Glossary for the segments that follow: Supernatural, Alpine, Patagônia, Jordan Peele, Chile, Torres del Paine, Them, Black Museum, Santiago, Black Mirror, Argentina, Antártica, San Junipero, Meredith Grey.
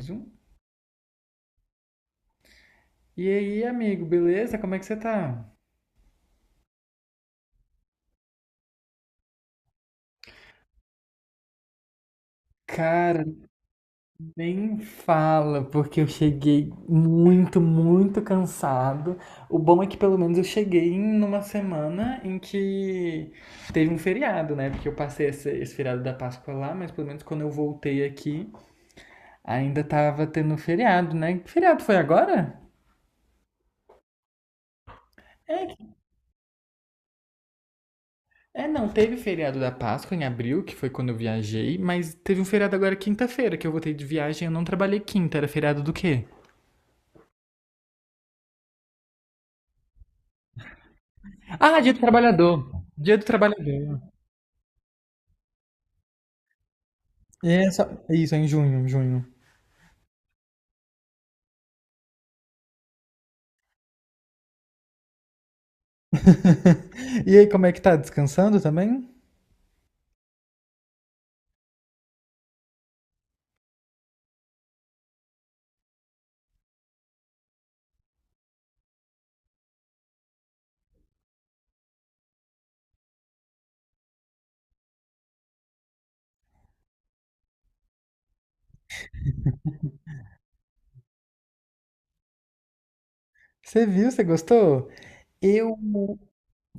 Mais um. E aí, amigo, beleza? Como é que você tá? Cara, nem fala, porque eu cheguei muito, muito cansado. O bom é que pelo menos eu cheguei numa semana em que teve um feriado, né? Porque eu passei esse feriado da Páscoa lá, mas pelo menos quando eu voltei aqui, ainda tava tendo feriado, né? Que feriado foi agora? É, é, não, teve feriado da Páscoa em abril, que foi quando eu viajei, mas teve um feriado agora quinta-feira, que eu voltei de viagem, eu não trabalhei quinta, era feriado do quê? Ah, Dia do Trabalhador. Dia do Trabalhador. E essa, isso, é em junho, em junho. E aí, como é que tá? Descansando também? Você viu, você gostou? Eu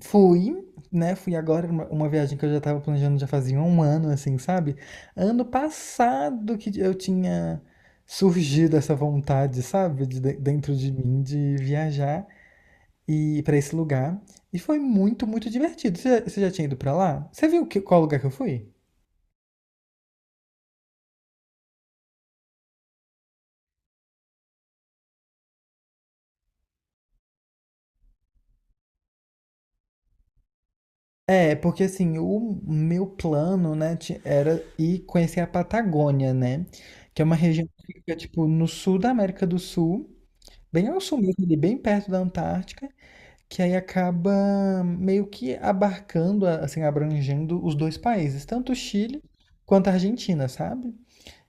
fui, né? Fui agora uma viagem que eu já tava planejando já fazia um ano, assim, sabe? Ano passado que eu tinha surgido essa vontade, sabe? Dentro de mim de viajar e para esse lugar. E foi muito, muito divertido. Você já tinha ido pra lá? Você viu qual lugar que eu fui? É, porque assim, o meu plano, né, era ir conhecer a Patagônia, né? Que é uma região que fica, tipo, no sul da América do Sul, bem ao sul mesmo, ali bem perto da Antártica, que aí acaba meio que abarcando, assim, abrangendo os dois países, tanto o Chile quanto a Argentina, sabe?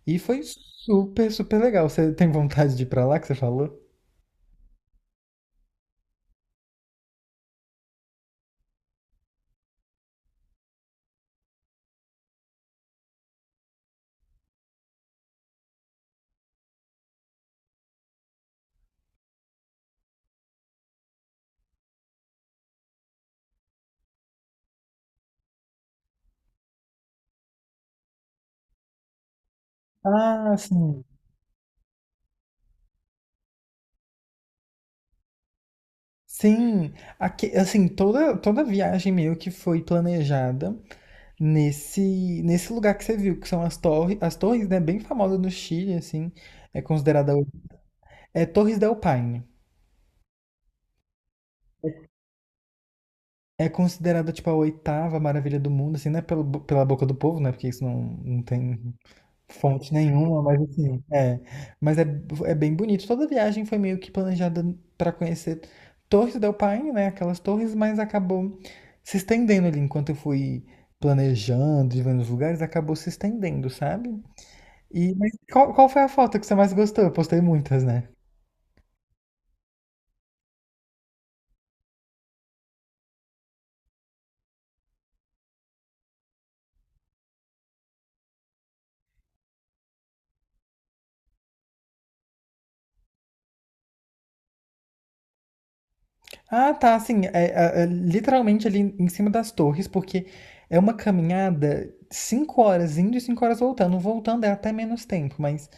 E foi super, super legal. Você tem vontade de ir pra lá, que você falou? Ah, sim. Sim, aqui, assim, toda viagem meio que foi planejada. Nesse, nesse lugar que você viu, que são as torres, né, bem famosas no Chile, assim, é considerada, é Torres del Paine. É considerada, tipo, a oitava maravilha do mundo, assim, né, pela boca do povo, né, porque isso não, não tem fonte nenhuma, mas assim, é. Mas é bem bonito. Toda viagem foi meio que planejada para conhecer Torres del Paine, né, aquelas torres, mas acabou se estendendo ali, enquanto eu fui planejando e vendo os lugares, acabou se estendendo, sabe? E mas qual foi a foto que você mais gostou? Eu postei muitas, né? Ah, tá, assim, é literalmente ali em cima das torres, porque é uma caminhada 5 horas indo e 5 horas voltando. Voltando é até menos tempo, mas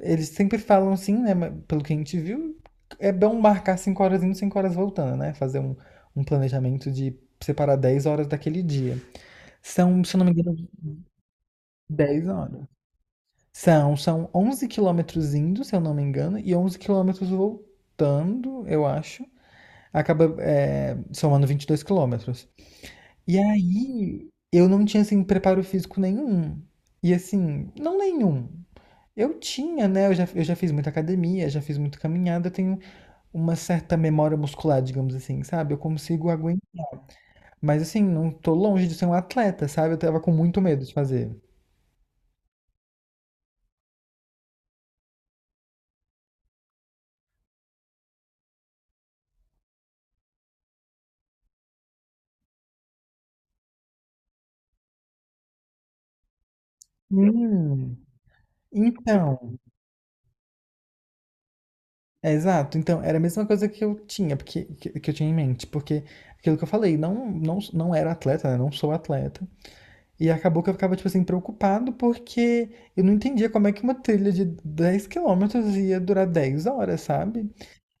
eles sempre falam assim, né? Mas, pelo que a gente viu, é bom marcar 5 horas indo e 5 horas voltando, né? Fazer um planejamento de separar 10 horas daquele dia. São, se eu não me engano, 10 horas. São 11 quilômetros indo, se eu não me engano, e 11 quilômetros voltando, eu acho. Acaba, é, somando 22 quilômetros. E aí, eu não tinha, assim, preparo físico nenhum. E assim, não nenhum. Eu tinha, né? Eu já fiz muita academia, já fiz muita caminhada, eu tenho uma certa memória muscular, digamos assim, sabe? Eu consigo aguentar. Mas assim, não tô longe de ser um atleta, sabe? Eu tava com muito medo de fazer. Hum, então. É, exato. Então, era a mesma coisa que eu tinha, porque que eu tinha em mente, porque aquilo que eu falei, não, não, não era atleta, né? Não sou atleta. E acabou que eu ficava, tipo assim, preocupado porque eu não entendia como é que uma trilha de 10 quilômetros ia durar 10 horas, sabe?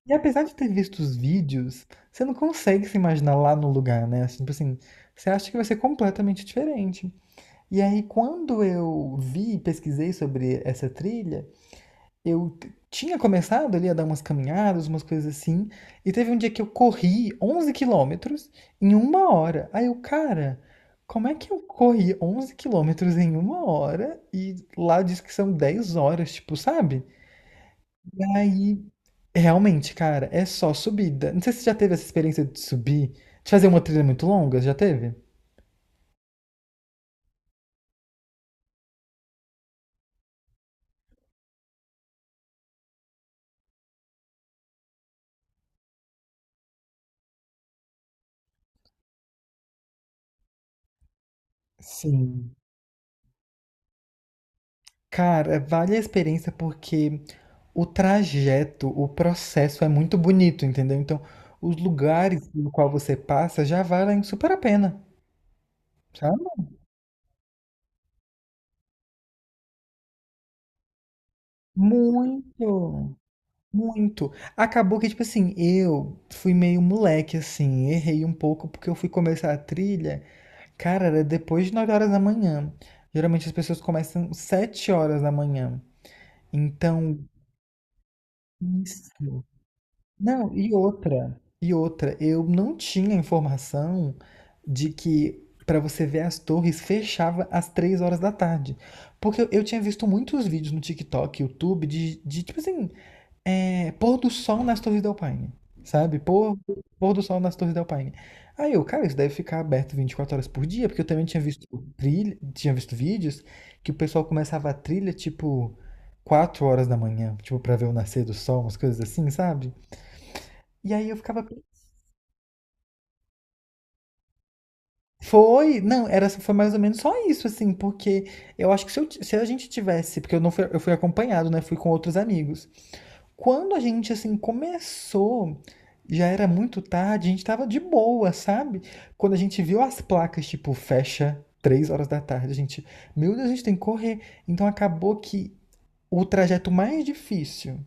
E apesar de ter visto os vídeos, você não consegue se imaginar lá no lugar, né? Assim, tipo assim, você acha que vai ser completamente diferente. E aí, quando eu vi, pesquisei sobre essa trilha, eu tinha começado ali a dar umas caminhadas, umas coisas assim, e teve um dia que eu corri 11 quilômetros em uma hora. Aí eu, cara, como é que eu corri 11 quilômetros em uma hora e lá diz que são 10 horas, tipo, sabe? E aí, realmente, cara, é só subida. Não sei se você já teve essa experiência de subir, de fazer uma trilha muito longa, já teve? Sim. Cara, vale a experiência porque o trajeto, o processo é muito bonito, entendeu? Então, os lugares pelo qual você passa já valem super a pena, sabe? Muito, muito. Acabou que, tipo assim, eu fui meio moleque, assim, errei um pouco porque eu fui começar a trilha, cara, era depois de 9 horas da manhã. Geralmente as pessoas começam 7 horas da manhã. Então, isso. Não, e outra, eu não tinha informação de que para você ver as torres fechava às 3 horas da tarde. Porque eu tinha visto muitos vídeos no TikTok, YouTube, de tipo assim, pôr do sol nas torres da Alpine, sabe? Pôr do sol nas torres da Alpine. Aí eu, cara, isso deve ficar aberto 24 horas por dia, porque eu também tinha visto trilha, tinha visto vídeos que o pessoal começava a trilha tipo 4 horas da manhã, tipo, pra ver o nascer do sol, umas coisas assim, sabe? E aí eu ficava. Foi? Não, era, foi mais ou menos só isso, assim, porque eu acho que se, eu ti- se a gente tivesse, porque eu não fui, eu fui acompanhado, né? Fui com outros amigos. Quando a gente, assim, começou, já era muito tarde, a gente tava de boa, sabe? Quando a gente viu as placas, tipo, fecha 3 horas da tarde, a gente, meu Deus, a gente tem que correr. Então acabou que o trajeto mais difícil,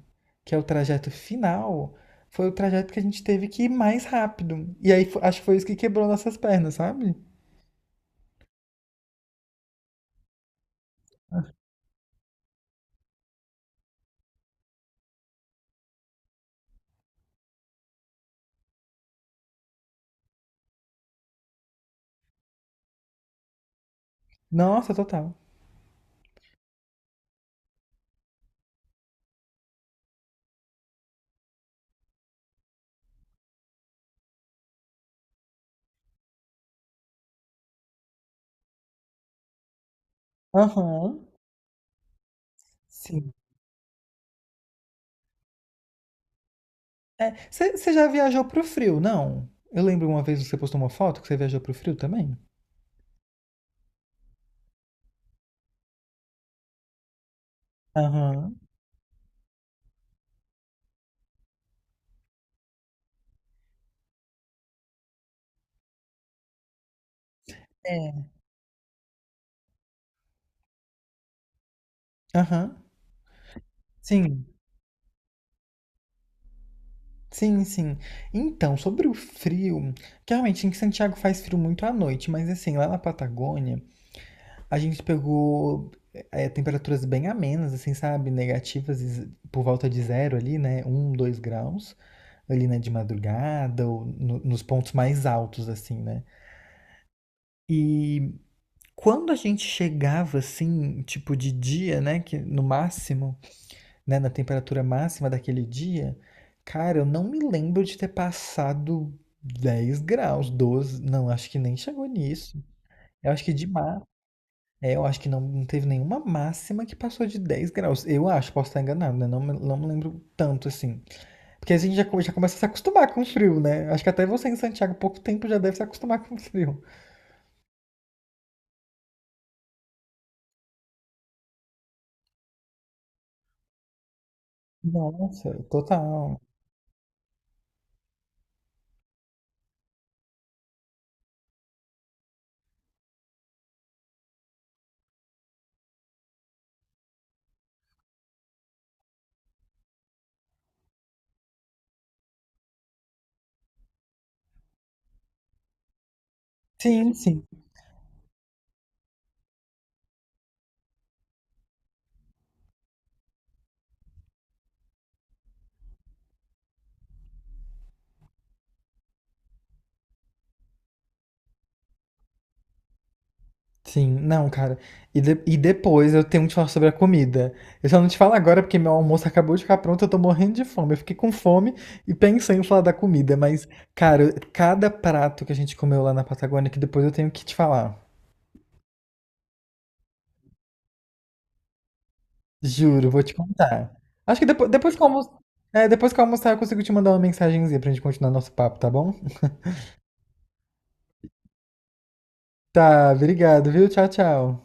que é o trajeto final, foi o trajeto que a gente teve que ir mais rápido. E aí acho que foi isso que quebrou nossas pernas, sabe? Nossa, total. Aham, sim. Você já viajou pro frio, não? Eu lembro uma vez que você postou uma foto que você viajou pro frio também. Aham. É. Aham. Sim. Sim, sim. Então, sobre o frio, que realmente em Santiago faz frio muito à noite, mas assim, lá na Patagônia. A gente pegou temperaturas bem amenas, assim, sabe? Negativas por volta de zero ali, né? 1, 2 graus. Ali, né? De madrugada ou nos pontos mais altos, assim, né? E quando a gente chegava, assim, tipo de dia, né? Que no máximo, né? Na temperatura máxima daquele dia, cara, eu não me lembro de ter passado 10 graus, 12. Não, acho que nem chegou nisso. Eu acho que de máximo. É, eu acho que não, não teve nenhuma máxima que passou de 10 graus. Eu acho, posso estar enganado, né? Não, não me lembro tanto assim. Porque a gente já, já começa a se acostumar com o frio, né? Acho que até você em Santiago, há pouco tempo, já deve se acostumar com o frio. Nossa, total. Sim, sim. Sim, não, cara. E depois eu tenho um que te falar sobre a comida. Eu só não te falo agora porque meu almoço acabou de ficar pronto, eu tô morrendo de fome. Eu fiquei com fome e pensei em falar da comida, mas, cara, cada prato que a gente comeu lá na Patagônia, que depois eu tenho que te falar. Juro, vou te contar. Acho que depois que eu almoçar, depois que eu almoçar, eu consigo te mandar uma mensagenzinha pra gente continuar nosso papo, tá bom? Tá, obrigado, viu? Tchau, tchau.